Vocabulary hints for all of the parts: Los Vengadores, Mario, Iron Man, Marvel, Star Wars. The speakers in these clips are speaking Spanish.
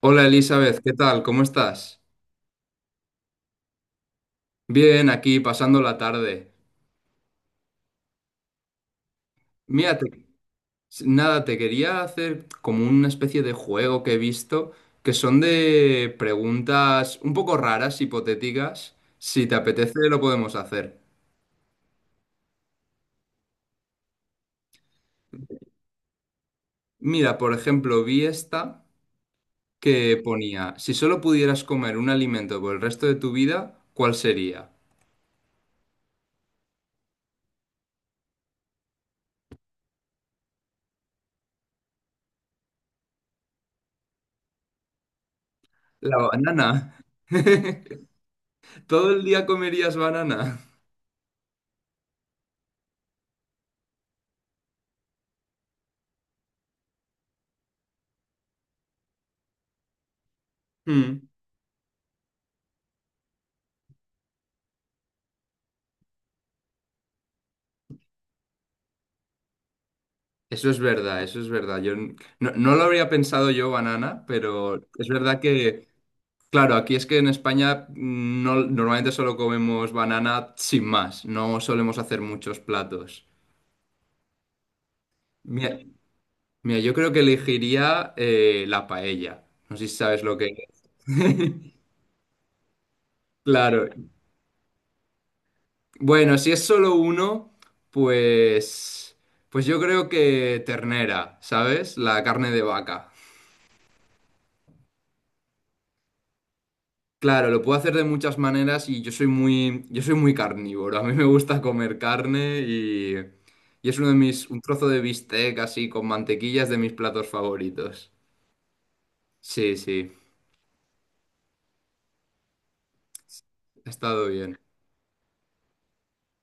Hola Elizabeth, ¿qué tal? ¿Cómo estás? Bien, aquí pasando la tarde. Mira, nada, te quería hacer como una especie de juego que he visto, que son de preguntas un poco raras, hipotéticas. Si te apetece, lo podemos hacer. Mira, por ejemplo, vi esta que ponía, si solo pudieras comer un alimento por el resto de tu vida, ¿cuál sería? La banana. ¿Todo el día comerías banana? Hmm. Eso es verdad, eso es verdad. Yo no lo habría pensado yo, banana, pero es verdad que, claro, aquí es que en España mm, no, normalmente solo comemos banana sin más, no solemos hacer muchos platos. Mira, mira, yo creo que elegiría la paella. No sé si sabes lo que es. Claro. Bueno, si es solo uno, pues, pues yo creo que ternera, ¿sabes? La carne de vaca. Claro, lo puedo hacer de muchas maneras y yo soy muy carnívoro. A mí me gusta comer carne y es uno de mis, un trozo de bistec así con mantequilla es de mis platos favoritos. Sí, sí, ha estado bien,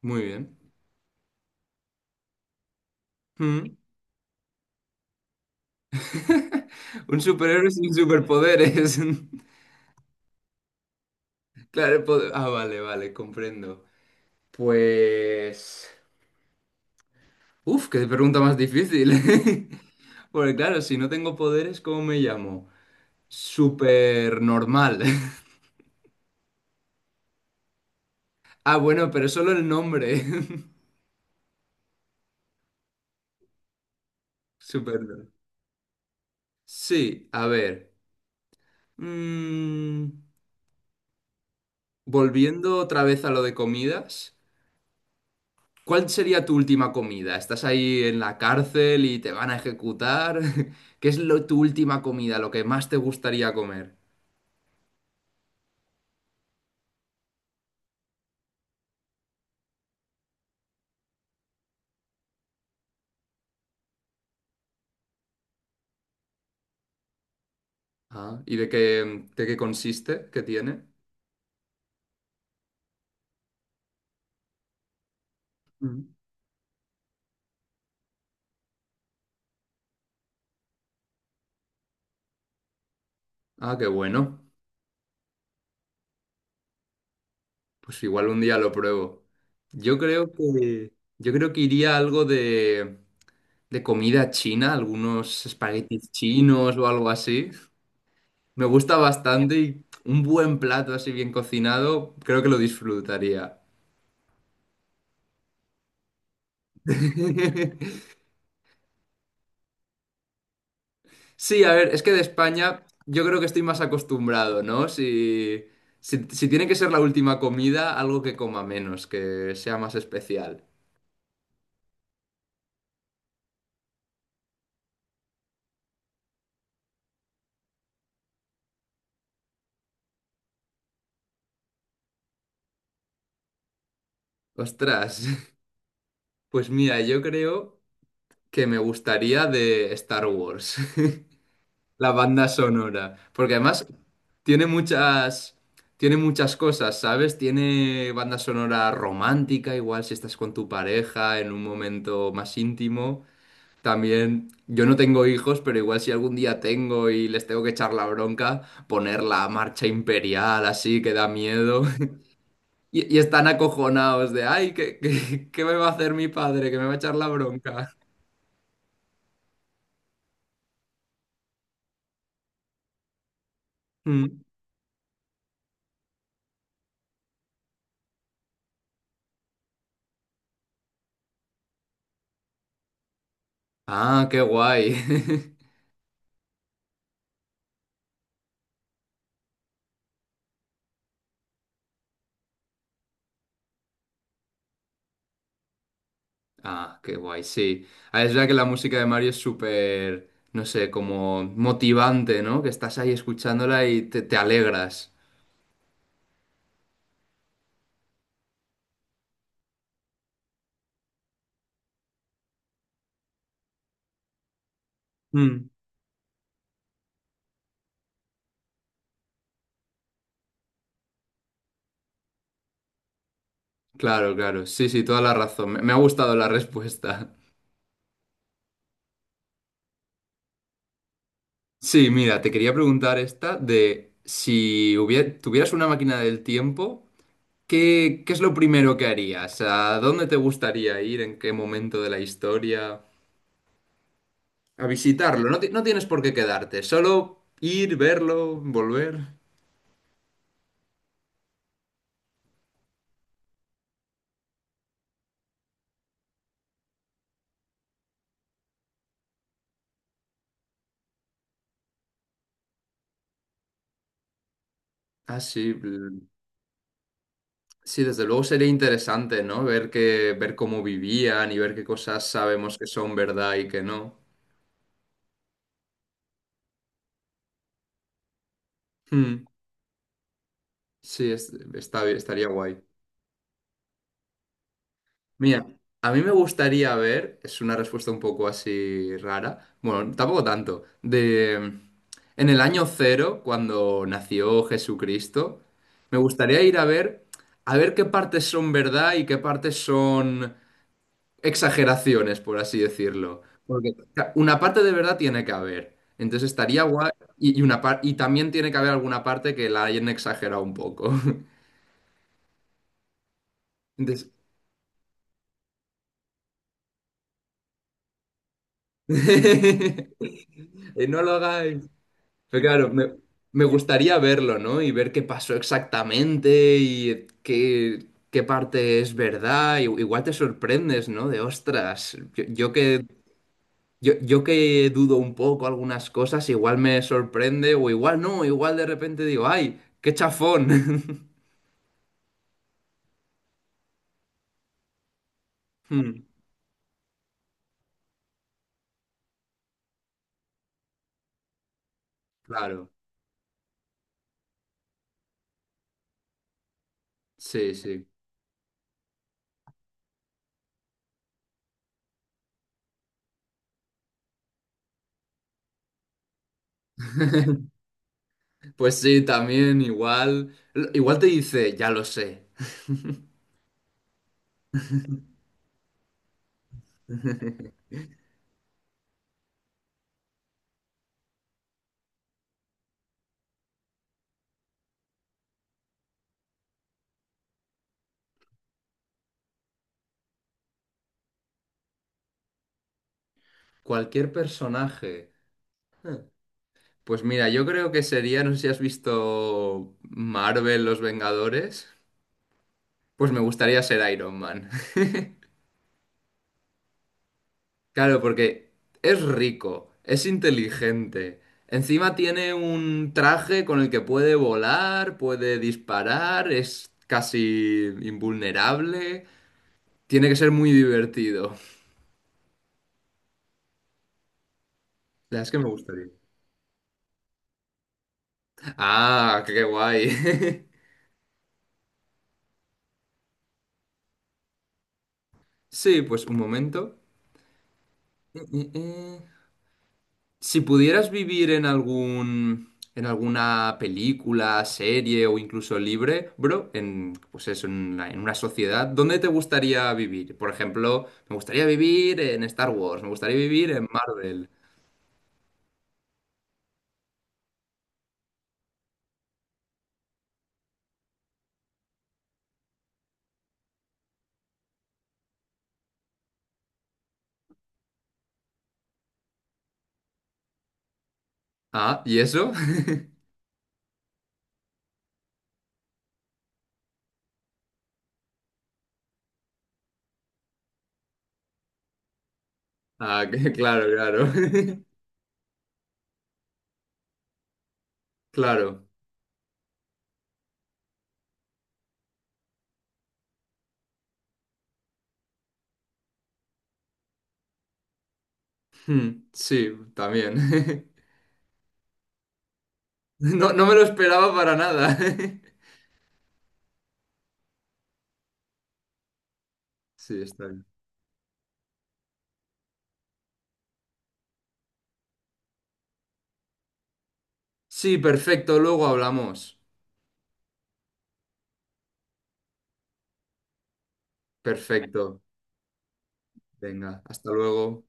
muy bien. Mm. Un superhéroe sin superpoderes. Claro, vale, vale, comprendo. Pues, uf, qué pregunta más difícil. Porque claro, si no tengo poderes, ¿cómo me llamo? Super normal. Ah, bueno, pero solo el nombre. Súper. Sí, a ver. Mm, volviendo otra vez a lo de comidas. ¿Cuál sería tu última comida? ¿Estás ahí en la cárcel y te van a ejecutar? ¿Qué es lo, tu última comida, lo que más te gustaría comer? Ah, ¿y de qué consiste? ¿Qué tiene? Mm. Ah, qué bueno. Pues igual un día lo pruebo. Yo creo que, yo creo que iría algo de comida china, algunos espaguetis chinos o algo así. Me gusta bastante y un buen plato así bien cocinado, creo que lo disfrutaría. Sí, a ver, es que de España yo creo que estoy más acostumbrado, ¿no? Si, si tiene que ser la última comida, algo que coma menos, que sea más especial. Ostras, pues mira, yo creo que me gustaría de Star Wars. La banda sonora. Porque además tiene muchas, tiene muchas cosas, ¿sabes? Tiene banda sonora romántica, igual si estás con tu pareja en un momento más íntimo. También, yo no tengo hijos, pero igual si algún día tengo y les tengo que echar la bronca, poner la marcha imperial así que da miedo. Y, y están acojonados de, ay, ¿qué, qué, qué me va a hacer mi padre? Que me va a echar la bronca. Mm. Ah, qué guay. Ah, qué guay, sí. Ah, es verdad que la música de Mario es súper, no sé, como motivante, ¿no? Que estás ahí escuchándola y te alegras. Mm. Claro, claro. Sí, sí, toda la razón. Me ha gustado la respuesta. Sí, mira, te quería preguntar esta de si tuvieras una máquina del tiempo, ¿qué, qué es lo primero que harías? ¿A dónde te gustaría ir? ¿En qué momento de la historia? A visitarlo. No, no tienes por qué quedarte, solo ir, verlo, volver. Ah, sí, l- sí, desde luego sería interesante, ¿no? Ver que, ver cómo vivían y ver qué cosas sabemos que son verdad y que no. Hmm, sí, está, estaría guay. Mira, a mí me gustaría ver, es una respuesta un poco así rara, bueno, tampoco tanto, en el año cero, cuando nació Jesucristo, me gustaría ir a ver qué partes son verdad y qué partes son exageraciones, por así decirlo. Porque o sea, una parte de verdad tiene que haber. Entonces estaría guay. Y y también tiene que haber alguna parte que la hayan exagerado un poco. Entonces. eh, No lo hagáis. Pero claro, me gustaría verlo, ¿no? Y ver qué pasó exactamente y qué, qué parte es verdad. Igual te sorprendes, ¿no? De ostras, yo que yo que dudo un poco algunas cosas, igual me sorprende o igual no, igual de repente digo, ¡ay, qué chafón! Hmm, claro, sí, sí. Pues sí, también igual, igual te dice, ya lo sé. Cualquier personaje. Pues mira, yo creo que sería, no sé si has visto Marvel, Los Vengadores, pues me gustaría ser Iron Man. Claro, porque es rico, es inteligente. Encima tiene un traje con el que puede volar, puede disparar, es casi invulnerable. Tiene que ser muy divertido. La verdad es que me gustaría. Ah, qué guay. Sí, pues un momento. Eh, eh, eh. Si pudieras vivir en algún, en alguna película, serie o incluso libre, bro, en, pues eso, en una sociedad, ¿dónde te gustaría vivir? Por ejemplo, me gustaría vivir en Star Wars, me gustaría vivir en Marvel. Ah, ¿y eso? Ah, claro, claro. Claro. Hmm, sí, también. No, no me lo esperaba para nada. Sí, está bien. Sí, perfecto, luego hablamos. Perfecto. Venga, hasta luego.